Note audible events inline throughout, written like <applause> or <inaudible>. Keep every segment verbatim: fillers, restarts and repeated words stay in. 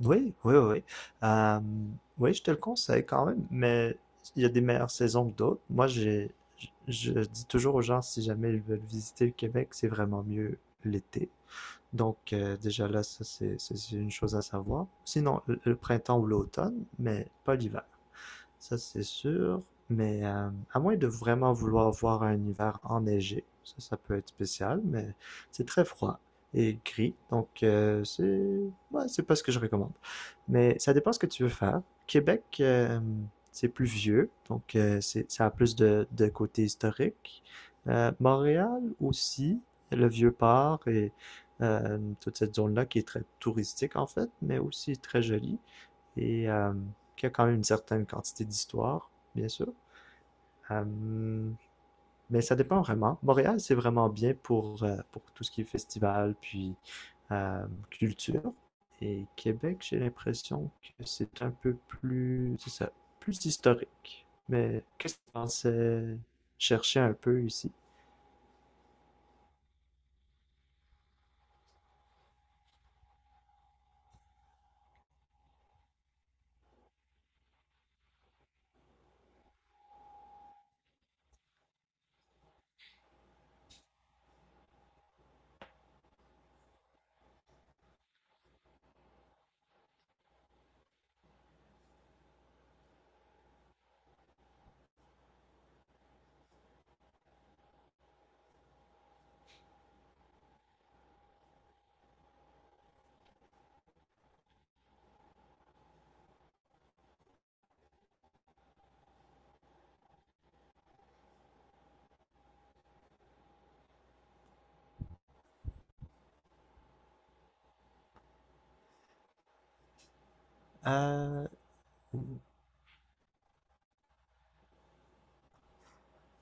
Oui, oui, oui. Euh, oui, je te le conseille quand même, mais il y a des meilleures saisons que d'autres. Moi, j'ai, je, je dis toujours aux gens, si jamais ils veulent visiter le Québec, c'est vraiment mieux l'été. Donc, euh, déjà là, ça, c'est, c'est c'est une chose à savoir. Sinon, le, le printemps ou l'automne, mais pas l'hiver, ça c'est sûr. Mais euh, à moins de vraiment vouloir voir un hiver enneigé, ça, ça peut être spécial, mais c'est très froid et gris, donc euh, c'est ouais, c'est pas ce que je recommande. Mais ça dépend ce que tu veux faire. Québec, euh, c'est plus vieux, donc euh, c'est ça a plus de, de côté historique. Euh, Montréal aussi, le Vieux-Port et euh, toute cette zone-là qui est très touristique en fait, mais aussi très jolie et euh, qui a quand même une certaine quantité d'histoire, bien sûr. Euh, mais ça dépend vraiment. Montréal, c'est vraiment bien pour, euh, pour tout ce qui est festival, puis euh, culture. Et Québec, j'ai l'impression que c'est un peu plus, c'est ça, plus historique. Mais qu'est-ce que tu pensais chercher un peu ici? Euh,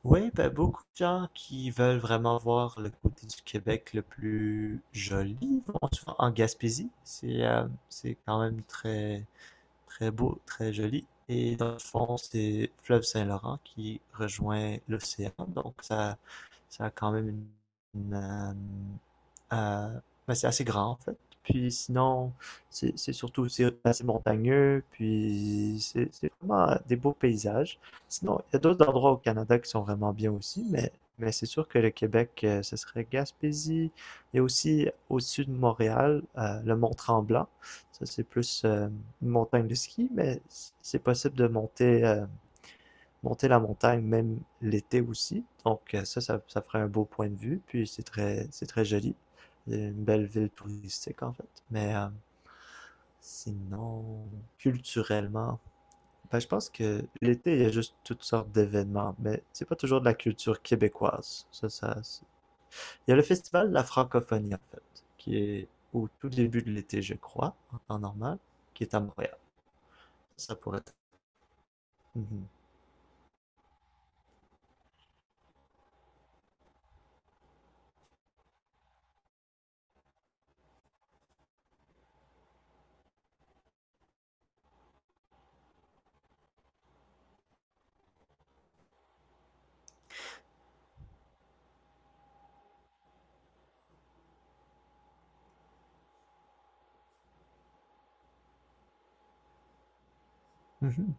Oui, ben, beaucoup de gens qui veulent vraiment voir le côté du Québec le plus joli vont souvent en Gaspésie. C'est euh, c'est quand même très très beau, très joli. Et dans le fond, c'est le fleuve Saint-Laurent qui rejoint l'océan. Donc, ça, ça a quand même une. Une, euh, euh, ben, c'est assez grand, en fait. Puis sinon, c'est c'est surtout c'est assez montagneux. Puis c'est c'est vraiment des beaux paysages. Sinon, il y a d'autres endroits au Canada qui sont vraiment bien aussi. Mais, mais c'est sûr que le Québec, euh, ce serait Gaspésie. Il y a aussi au sud de Montréal, euh, le Mont-Tremblant, ça, c'est plus euh, une montagne de ski, mais c'est possible de monter, euh, monter la montagne même l'été aussi. Donc euh, ça, ça, ça ferait un beau point de vue. Puis c'est très, c'est très joli. C'est une belle ville touristique en fait. Mais euh, sinon, culturellement, ben, je pense que l'été, il y a juste toutes sortes d'événements, mais c'est pas toujours de la culture québécoise. Ça, ça, c'est- il y a le festival de la francophonie en fait, qui est au tout début de l'été, je crois, en temps normal, qui est à Montréal. Ça pourrait... Mhm. Mhm.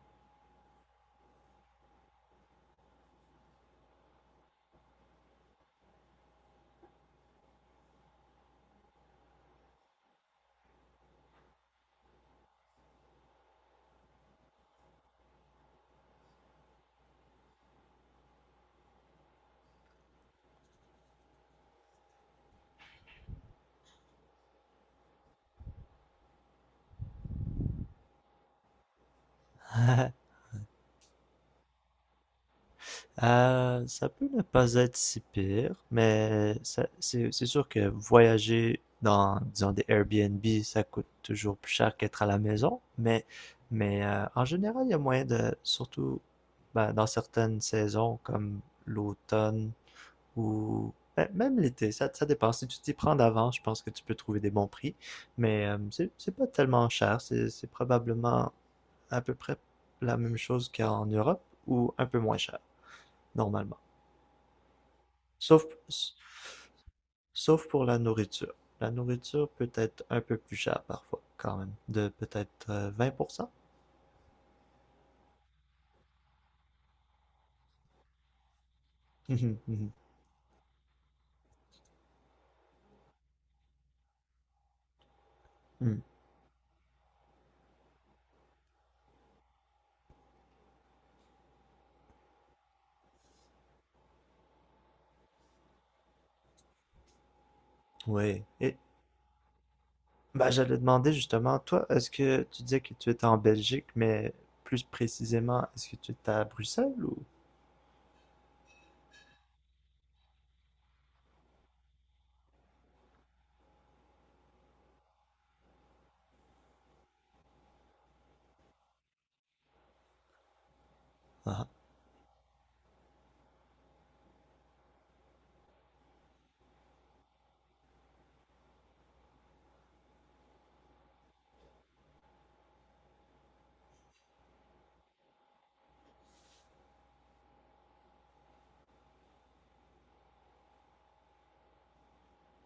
<laughs> Euh, ça peut ne pas être si pire, mais ça- c'est c'est sûr que voyager dans, disons, des Airbnb, ça coûte toujours plus cher qu'être à la maison. Mais, mais euh, en général, il y a moyen de, surtout ben, dans certaines saisons comme l'automne, ou ben, même l'été, ça, ça dépend. Si tu t'y prends d'avance, je pense que tu peux trouver des bons prix. Mais euh, c'est c'est pas tellement cher. C'est c'est probablement à peu près la même chose qu'en Europe ou un peu moins cher, normalement. Sauf, sauf pour la nourriture. La nourriture peut être un peu plus chère parfois, quand même, de peut-être euh, vingt pour cent. Mhm, mhm, mhm. <laughs> Oui. Et bah, j'allais demander justement, toi, est-ce que tu disais que tu étais en Belgique, mais plus précisément, est-ce que tu étais à Bruxelles ou... Ah,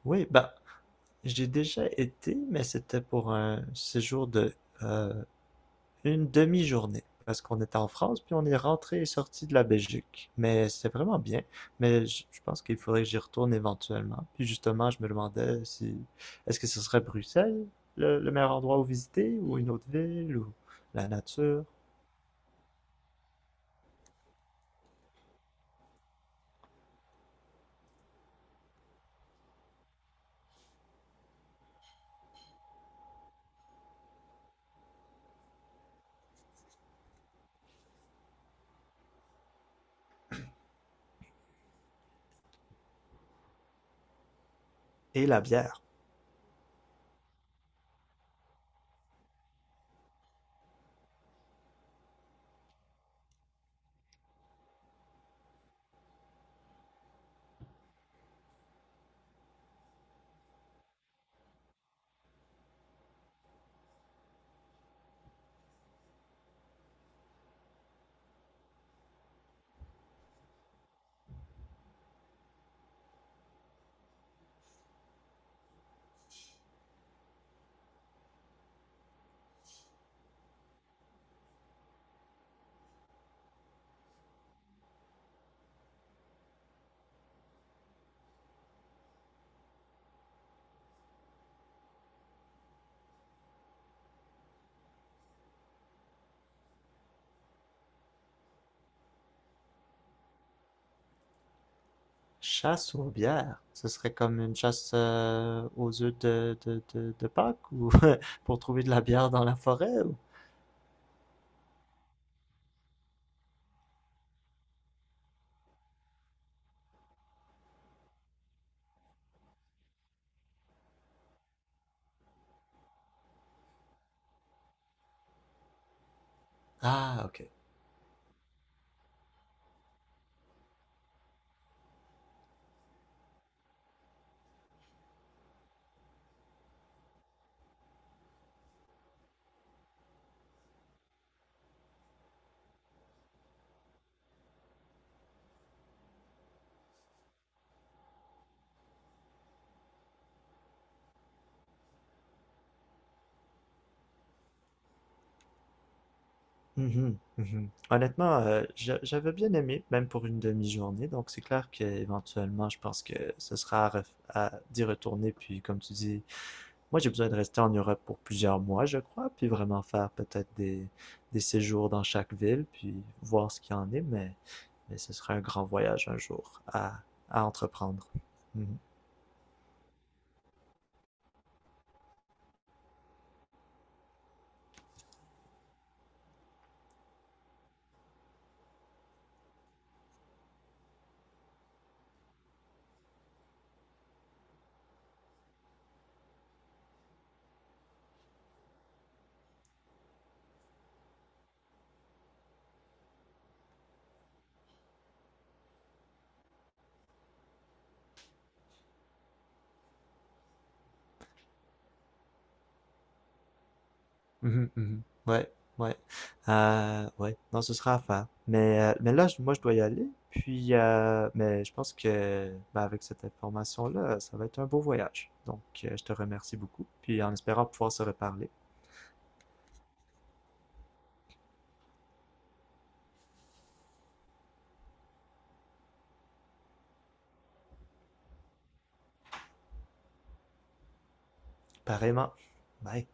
oui, bah, j'ai déjà été, mais c'était pour un séjour de euh, une demi-journée, parce qu'on était en France, puis on est rentré et sorti de la Belgique. Mais c'était vraiment bien, mais je, je pense qu'il faudrait que j'y retourne éventuellement. Puis justement, je me demandais si, est-ce que ce serait Bruxelles le, le meilleur endroit où visiter, ou une autre ville, ou la nature et la bière. Chasse aux bières, ce serait comme une chasse euh, aux œufs de, de, de, de Pâques ou <laughs> pour trouver de la bière dans la forêt ou... Ah, ok. Mhm, mhm. Honnêtement, euh, j'a- j'avais bien aimé, même pour une demi-journée, donc c'est clair qu'éventuellement, je pense que ce sera à, ref- à d'y retourner, puis comme tu dis, moi j'ai besoin de rester en Europe pour plusieurs mois, je crois, puis vraiment faire peut-être des, des séjours dans chaque ville, puis voir ce qu'il y en est, mais Mais ce serait un grand voyage un jour à, à entreprendre. Mhm. Mhm, mhm. Ouais, ouais. Euh, ouais, non, ce sera à faire. Mais, euh, mais là, moi, je dois y aller. Puis, euh, mais je pense que ben, avec cette information-là, ça va être un beau voyage. Donc, euh, je te remercie beaucoup. Puis, en espérant pouvoir se reparler. Pareillement. Bye.